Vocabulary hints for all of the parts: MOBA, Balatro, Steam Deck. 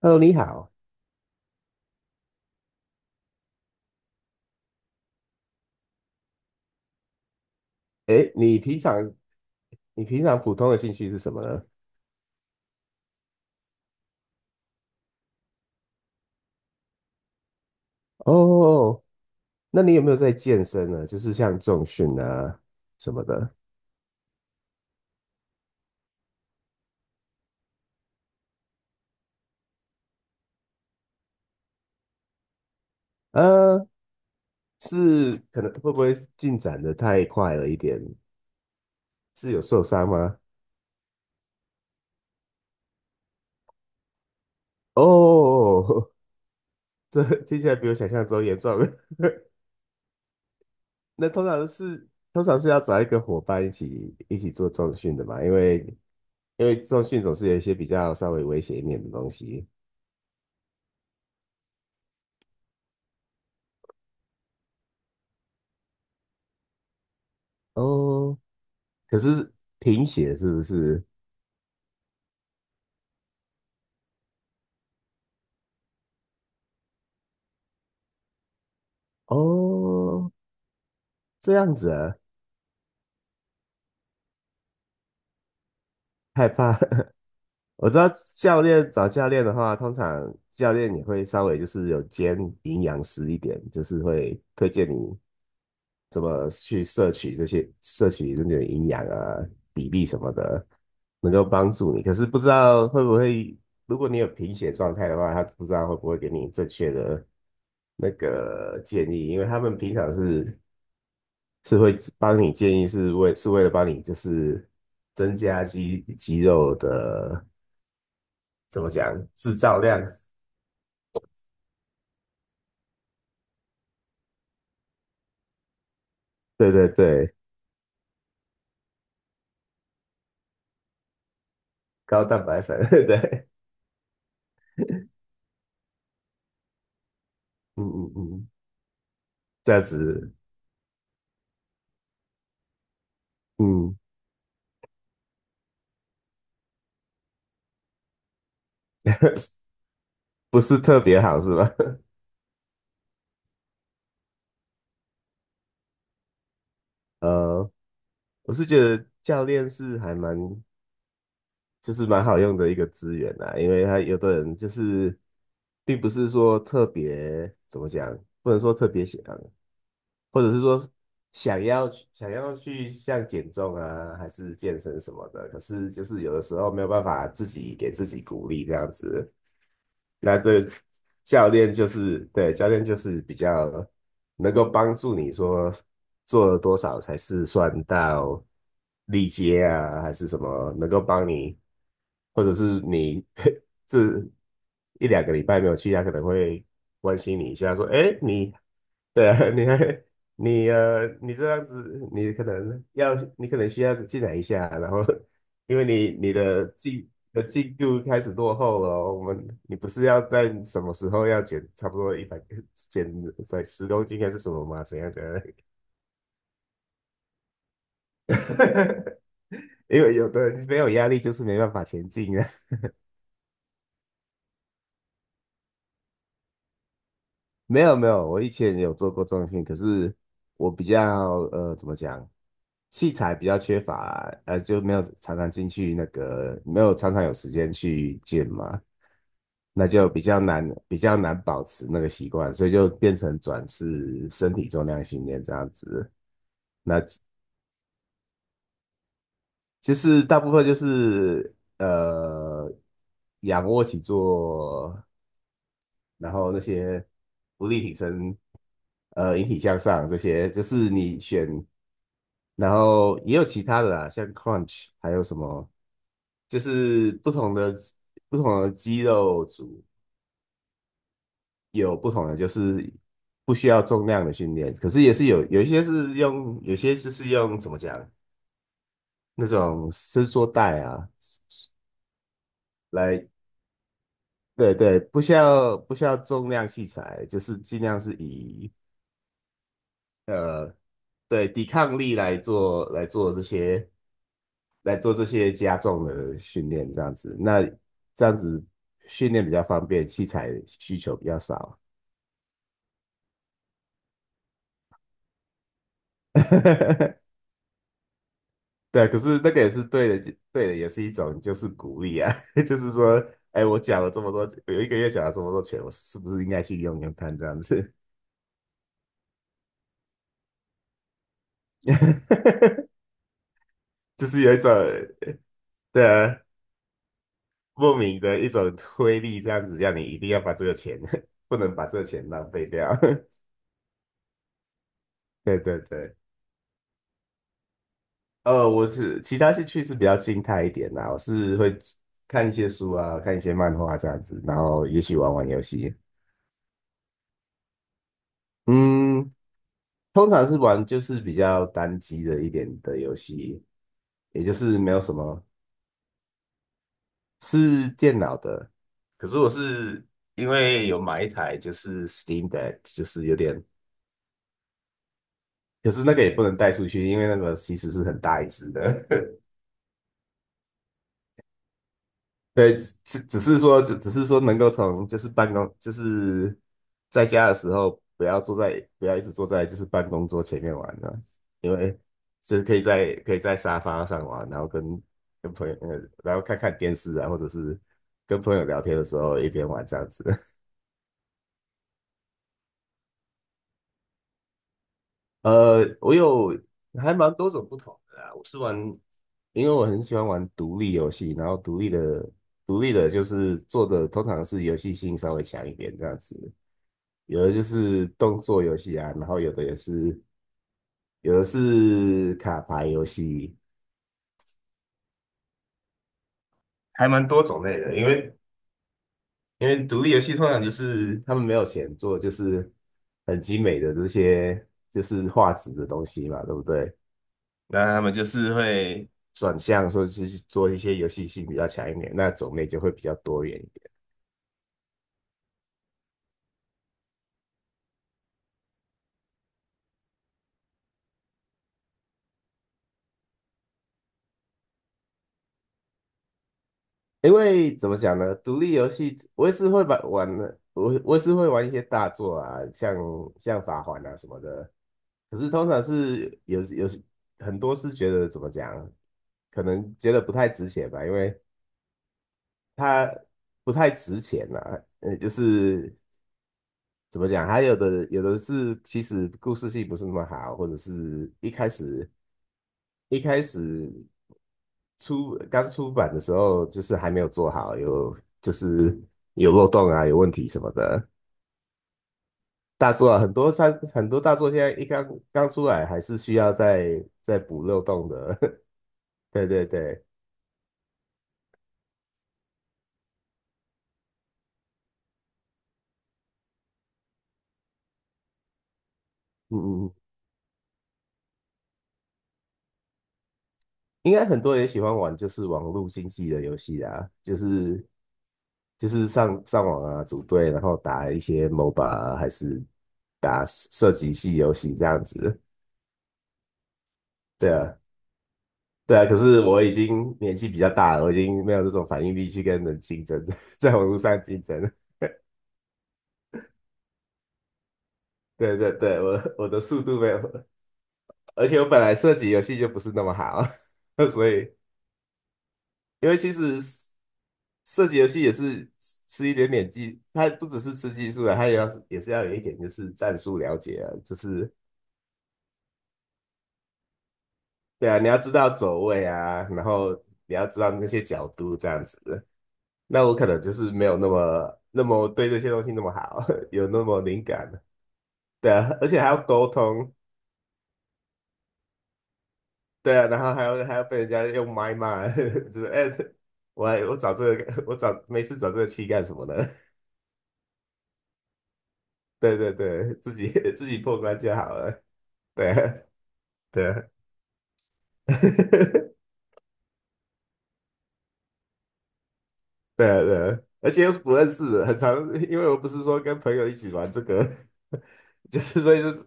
Hello，你好。哎，你平常普通的兴趣是什么呢？哦，那你有没有在健身呢？就是像重训啊什么的。呃，是可能会不会进展的太快了一点？是有受伤吗？哦，这听起来比我想象中严重。那通常是要找一个伙伴一起做重训的嘛，因为重训总是有一些比较稍微危险一点的东西。哦，可是贫血是不是？哦，这样子啊，害怕。我知道找教练的话，通常教练也会稍微就是有兼营养师一点，就是会推荐你怎么去摄取那种营养啊、比例什么的，能够帮助你。可是不知道会不会，如果你有贫血状态的话，他不知道会不会给你正确的那个建议，因为他们平常是会帮你建议，是为了帮你就是增加肌肉的怎么讲制造量？对对对，高蛋白粉，对，嗯嗯嗯，这样子，嗯，不是特别好是吧？呃，我是觉得教练是还蛮就是蛮好用的一个资源啦，因为他有的人就是并不是说特别怎么讲，不能说特别想。或者是说想要去像减重啊，还是健身什么的，可是就是有的时候没有办法自己给自己鼓励这样子。那这教练就是对教练就是比较能够帮助你说做了多少才是算到力竭啊，还是什么能够帮你，或者是你 这一两个礼拜没有去，他可能会关心你一下，说："哎，你对啊，你你这样子，你可能需要进来一下，然后因为你的进度开始落后了哦我们，你不是要在什么时候要减差不多一百减在10公斤还是什么吗？怎样怎样？因为有的人没有压力就是没办法前进啊。没有没有，我以前也有做过重种训练，可是我比较怎么讲，器材比较缺乏啦就没有常常进去那个，没有常常有时间去健嘛，那就比较难保持那个习惯，所以就变成转是身体重量训练这样子，其是大部分就是仰卧起坐，然后那些浮力挺身引体向上这些，就是你选，然后也有其他的啦，像 crunch 还有什么，就是不同的肌肉组有不同的，就是不需要重量的训练，可是也是有一些是用，有些就是用怎么讲那种伸缩带啊来。对对，不需要重量器材，就是尽量是以对抵抗力来做这些加重的训练，这样子，那这样子训练比较方便，器材需求比较少。对，可是那个也是对的，对的，也是一种就是鼓励啊，就是说，哎，我讲了这么多，有1个月讲了这么多钱，我是不是应该去用用看这样子？就是有一种的莫名的一种推力，这样子让你一定要把这个钱，不能把这个钱浪费掉。对对对。我是其他兴趣是比较静态一点啦，我是会看一些书啊，看一些漫画这样子，然后也许玩玩游戏。嗯，通常是玩就是比较单机的一点的游戏，也就是没有什么是电脑的。可是我是因为有买一台就是 Steam Deck,就是有点，可是那个也不能带出去，因为那个其实是很大一只的。对，只是说，只是说能够从就是办公，就是在家的时候，不要一直坐在就是办公桌前面玩了，因为就是可以在沙发上玩，然后跟朋友，然后看看电视啊，或者是跟朋友聊天的时候一边玩这样子。呃，我有还蛮多种不同的啦，我是玩，因为我很喜欢玩独立游戏，然后独立的就是做的通常是游戏性稍微强一点这样子。有的就是动作游戏啊，然后有的是卡牌游戏，还蛮多种类的。因为独立游戏通常就是他们没有钱做，就是很精美的这些就是画质的东西嘛，对不对？那他们就是会，转向说去做一些游戏性比较强一点，那种类就会比较多元。一点。因为怎么讲呢，独立游戏我也是会把玩的，我也是会玩一些大作啊，像法环啊什么的。可是通常是有很多是觉得怎么讲，可能觉得不太值钱吧，因为它不太值钱呐、啊。就是怎么讲，还有的是其实故事性不是那么好，或者是一开始刚出版的时候，就是还没有做好，有就是有漏洞啊，有问题什么的。大作啊，很多大作现在刚出来，还是需要再补漏洞的。对对对，嗯嗯，嗯应该很多人喜欢玩就是网络竞技的游戏啊，就是上网啊，组队，然后打一些 MOBA 啊还是打射击系游戏这样子。对啊，对啊，可是我已经年纪比较大了，我已经没有这种反应力去跟人竞争，在网络上竞争了。对对对，我的速度没有，而且我本来射击游戏就不是那么好，所以因为其实射击游戏也是吃一点点技，它不只是吃技术的，它也是要有一点就是战术了解啊，就是对啊，你要知道走位啊，然后你要知道那些角度这样子。那我可能就是没有那么对这些东西那么好，有那么灵感。对啊，而且还要沟通，对啊，然后还要被人家用麦骂，就是哎、我找这个，我找没事找这个气干什么呢？对对对，自己 自己破关就好了，对啊对啊 对啊对啊，而且又是不认识的，很常，因为我不是说跟朋友一起玩这个，就是所以就是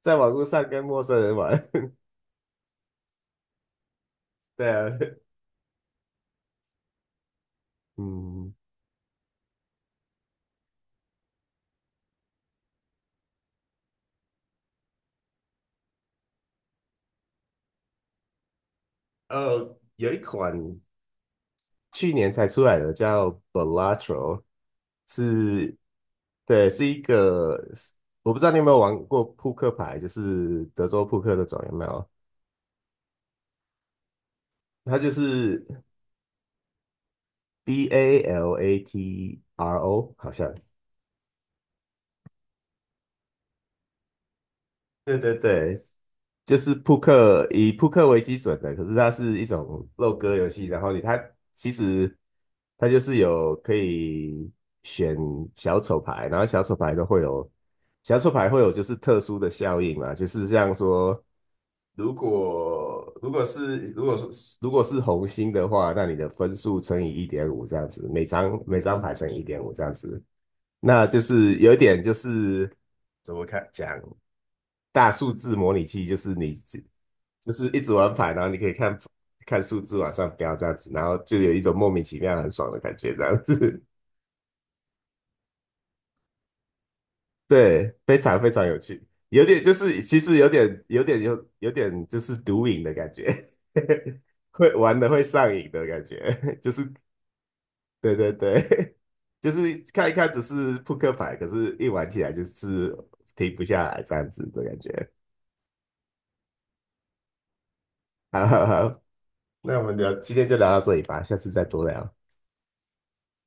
在网络上跟陌生人玩，对啊，嗯，有一款去年才出来的叫 Balatro。是对，是一个，我不知道你有没有玩过扑克牌，就是德州扑克那种，有没有？它就是 Balatro,好像。对对对，就是扑克，以扑克为基准的，可是它是一种肉鸽游戏，然后你它其实它就是有可以选小丑牌，然后小丑牌会有就是特殊的效应嘛，就是像说。如果是红心的话，那你的分数乘以一点五这样子，每张牌乘以一点五这样子，那就是有一点就是怎么讲大数字模拟器，就是你就是一直玩牌，然后你可以看看数字往上飙这样子，然后就有一种莫名其妙很爽的感觉这样子。对，非常非常有趣，有点就是其实有点就是毒瘾的感觉，会玩的会上瘾的感觉，就是对对对，就是看一看只是扑克牌，可是一玩起来就是停不下来这样子的感觉。好好好，那我们聊今天就聊到这里吧，下次再多聊。